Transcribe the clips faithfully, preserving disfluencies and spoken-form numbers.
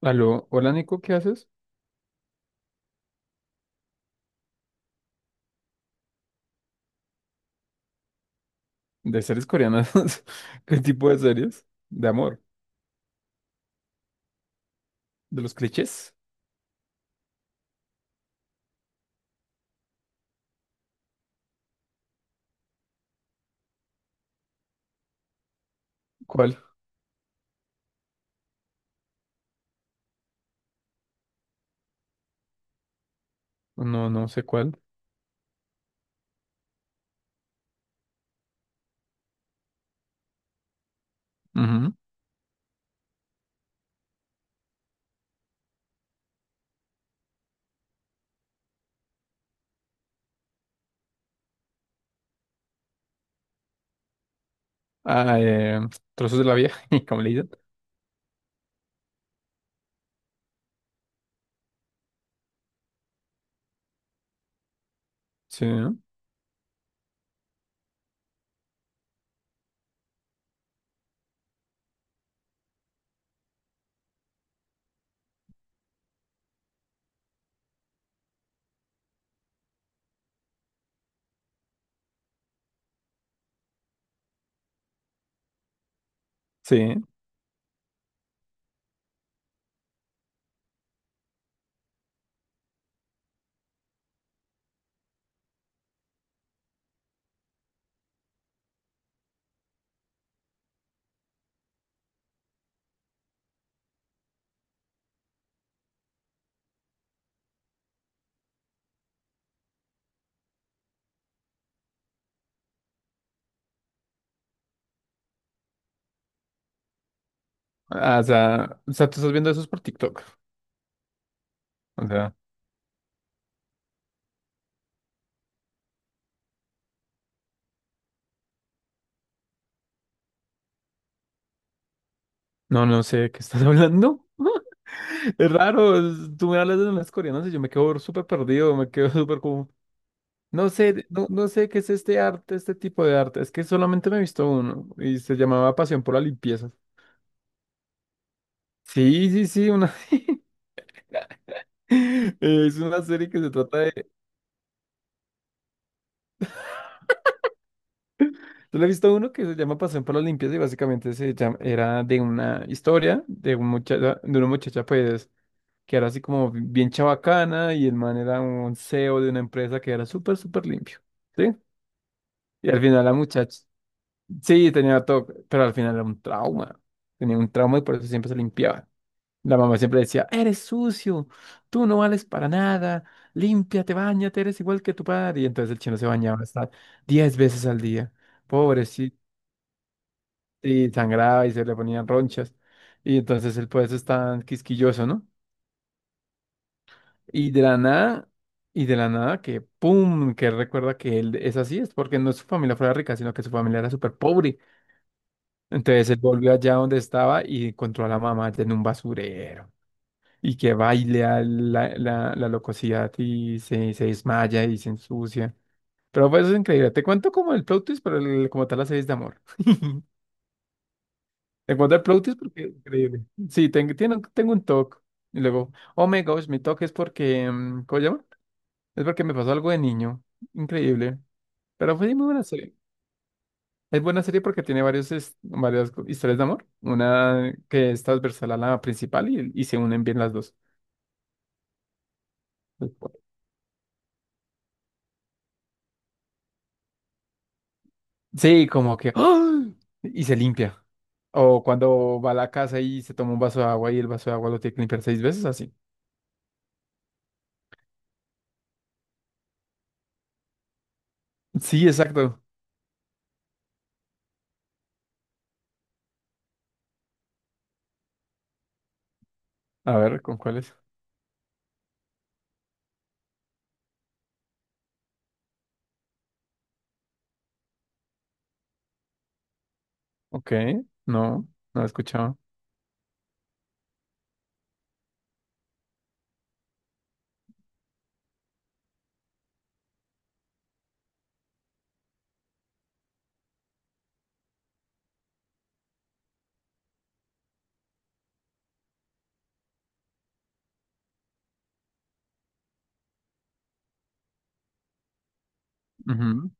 Aló, hola Nico, ¿qué haces? ¿De series coreanas? ¿Qué tipo de series? ¿De amor? ¿De los clichés? ¿Cuál? No, no sé cuál. Ujú. Ah, eh, Trozos de la Vida, ¿cómo le dicen? Sí, sí. Ah, o sea, o sea, tú estás viendo esos por TikTok. O sea, no, no sé de qué estás hablando. Es raro, es- tú me hablas de las coreanas y yo me quedo súper perdido, me quedo súper como... No sé, no, no sé qué es este arte, este tipo de arte. Es que solamente me he visto uno y se llamaba Pasión por la Limpieza. Sí, sí, sí, una... es una serie que se trata de... Yo le he visto uno que se llama Pasión por las Limpias y básicamente se llama... era de una historia de, un muchacha, de una muchacha pues que era así como bien chabacana y el man era un C E O de una empresa que era súper, súper limpio, ¿sí? Y al final la muchacha... Sí, tenía todo, pero al final era un trauma. Tenía un trauma y por eso siempre se limpiaba. La mamá siempre decía, eres sucio, tú no vales para nada, límpiate, bañate, eres igual que tu padre. Y entonces el chino se bañaba hasta diez veces al día. Pobrecito, y sangraba y se le ponían ronchas. Y entonces el pues es tan quisquilloso, ¿no? Y de la nada, y de la nada que pum, que él recuerda que él es así, es porque no su familia fuera rica, sino que su familia era súper pobre. Entonces él volvió allá donde estaba y encontró a la mamá en un basurero. Y que baila la, la, la locosidad y se, se desmaya y se ensucia. Pero pues es increíble. Te cuento como el plot twist, pero el- como tal la serie es de amor. Te cuento el plot twist porque es increíble. Sí, tengo, tengo, tengo un T O C. Y luego, oh my gosh, mi T O C es porque, mm, ¿cómo se llama? Es porque me pasó algo de niño. Increíble. Pero fue muy buena serie. Es buena serie porque tiene varios, es- varias co- historias de amor. Una que es transversal a la principal y, y se unen bien las dos. Sí, como que ¡ah! Y se limpia. O cuando va a la casa y se toma un vaso de agua y el vaso de agua lo tiene que limpiar seis veces, así. Sí, exacto. A ver, ¿con cuáles es? Ok, no, no he escuchado. Ujú.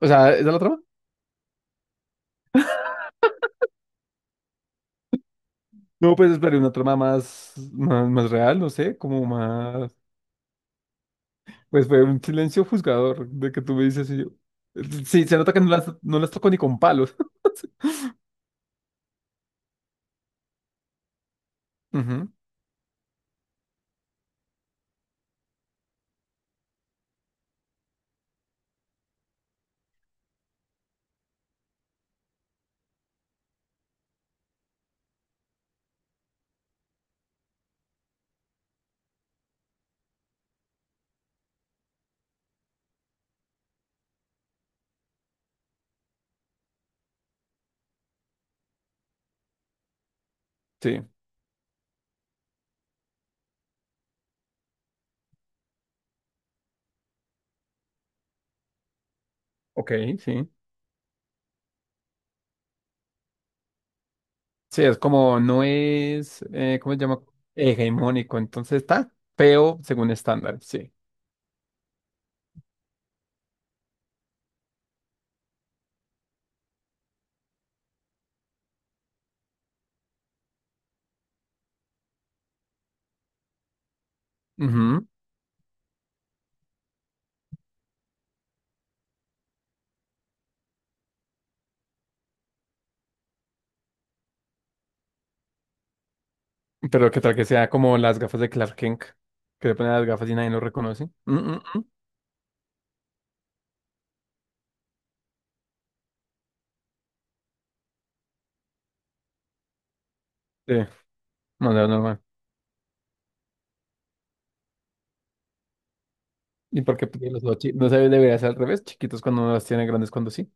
O sea, ¿esa es la trama? No, pues esperé una trama más, más, más real, no sé, como más... Pues fue un silencio juzgador de que tú me dices y yo... Sí, se nota que no las, no las toco ni con palos. Ujú, sí, ok, sí. Sí, es como, no es, eh, ¿cómo se llama? Hegemónico, entonces está feo según estándar, sí. Ujú. Pero que tal que sea como las gafas de Clark Kent, que se ponen las gafas y nadie lo reconoce. Mm, mm, mm. Sí, no, no, no, no. ¿Y por qué pues, los dos chi- no se debería ser al revés? Chiquitos cuando no las tiene, grandes cuando sí.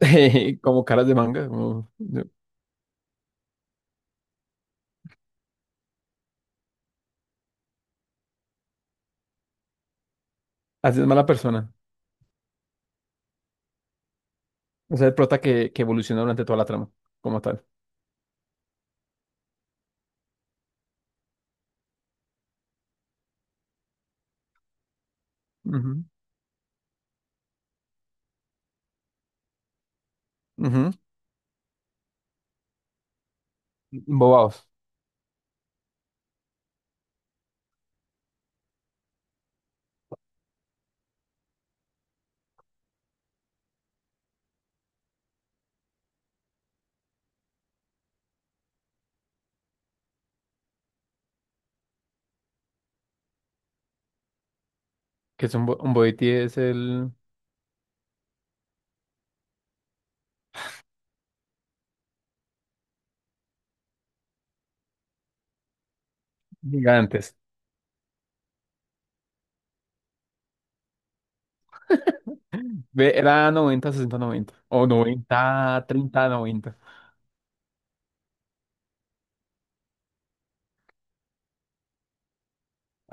Como caras de manga. como- Así es mala persona. O sea, el prota que, que evoluciona durante toda la trama, como tal. Ujú, ujú. Bobaos, que es un, bo- un boitie es el gigante. Ve, era noventa sesenta noventa o noventa treinta noventa.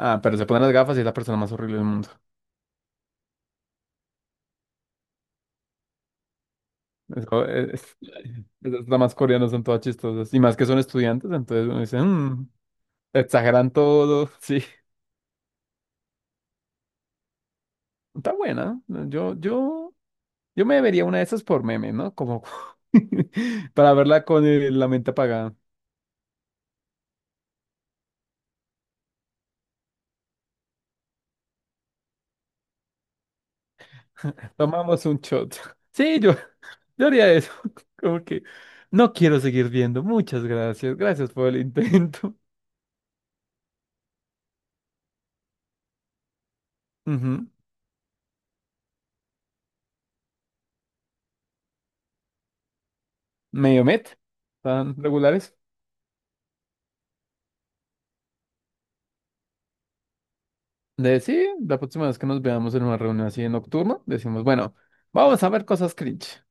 Ah, pero se ponen las gafas y es la persona más horrible del mundo. Eso es, esas damas coreanas son todas chistosas. Y más que son estudiantes, entonces uno dice, "Mm, exageran todo". Sí, está buena. ¿No? Yo, yo, yo me vería una de esas por meme, ¿no? Como para verla con eh, la mente apagada. Tomamos un shot. Sí, yo, yo haría eso. Como que no quiero seguir viendo. Muchas gracias. Gracias por el intento. Ujú. Medio met, tan regulares. De sí, la próxima vez que nos veamos en una reunión así nocturna, decimos, bueno, vamos a ver cosas cringe.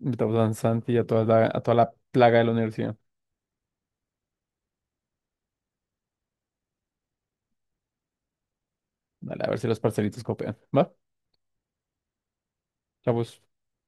Invitamos a Santi y a toda la, a toda la plaga de la universidad. Dale, a ver si los parcelitos copian. ¿Va? Chavos.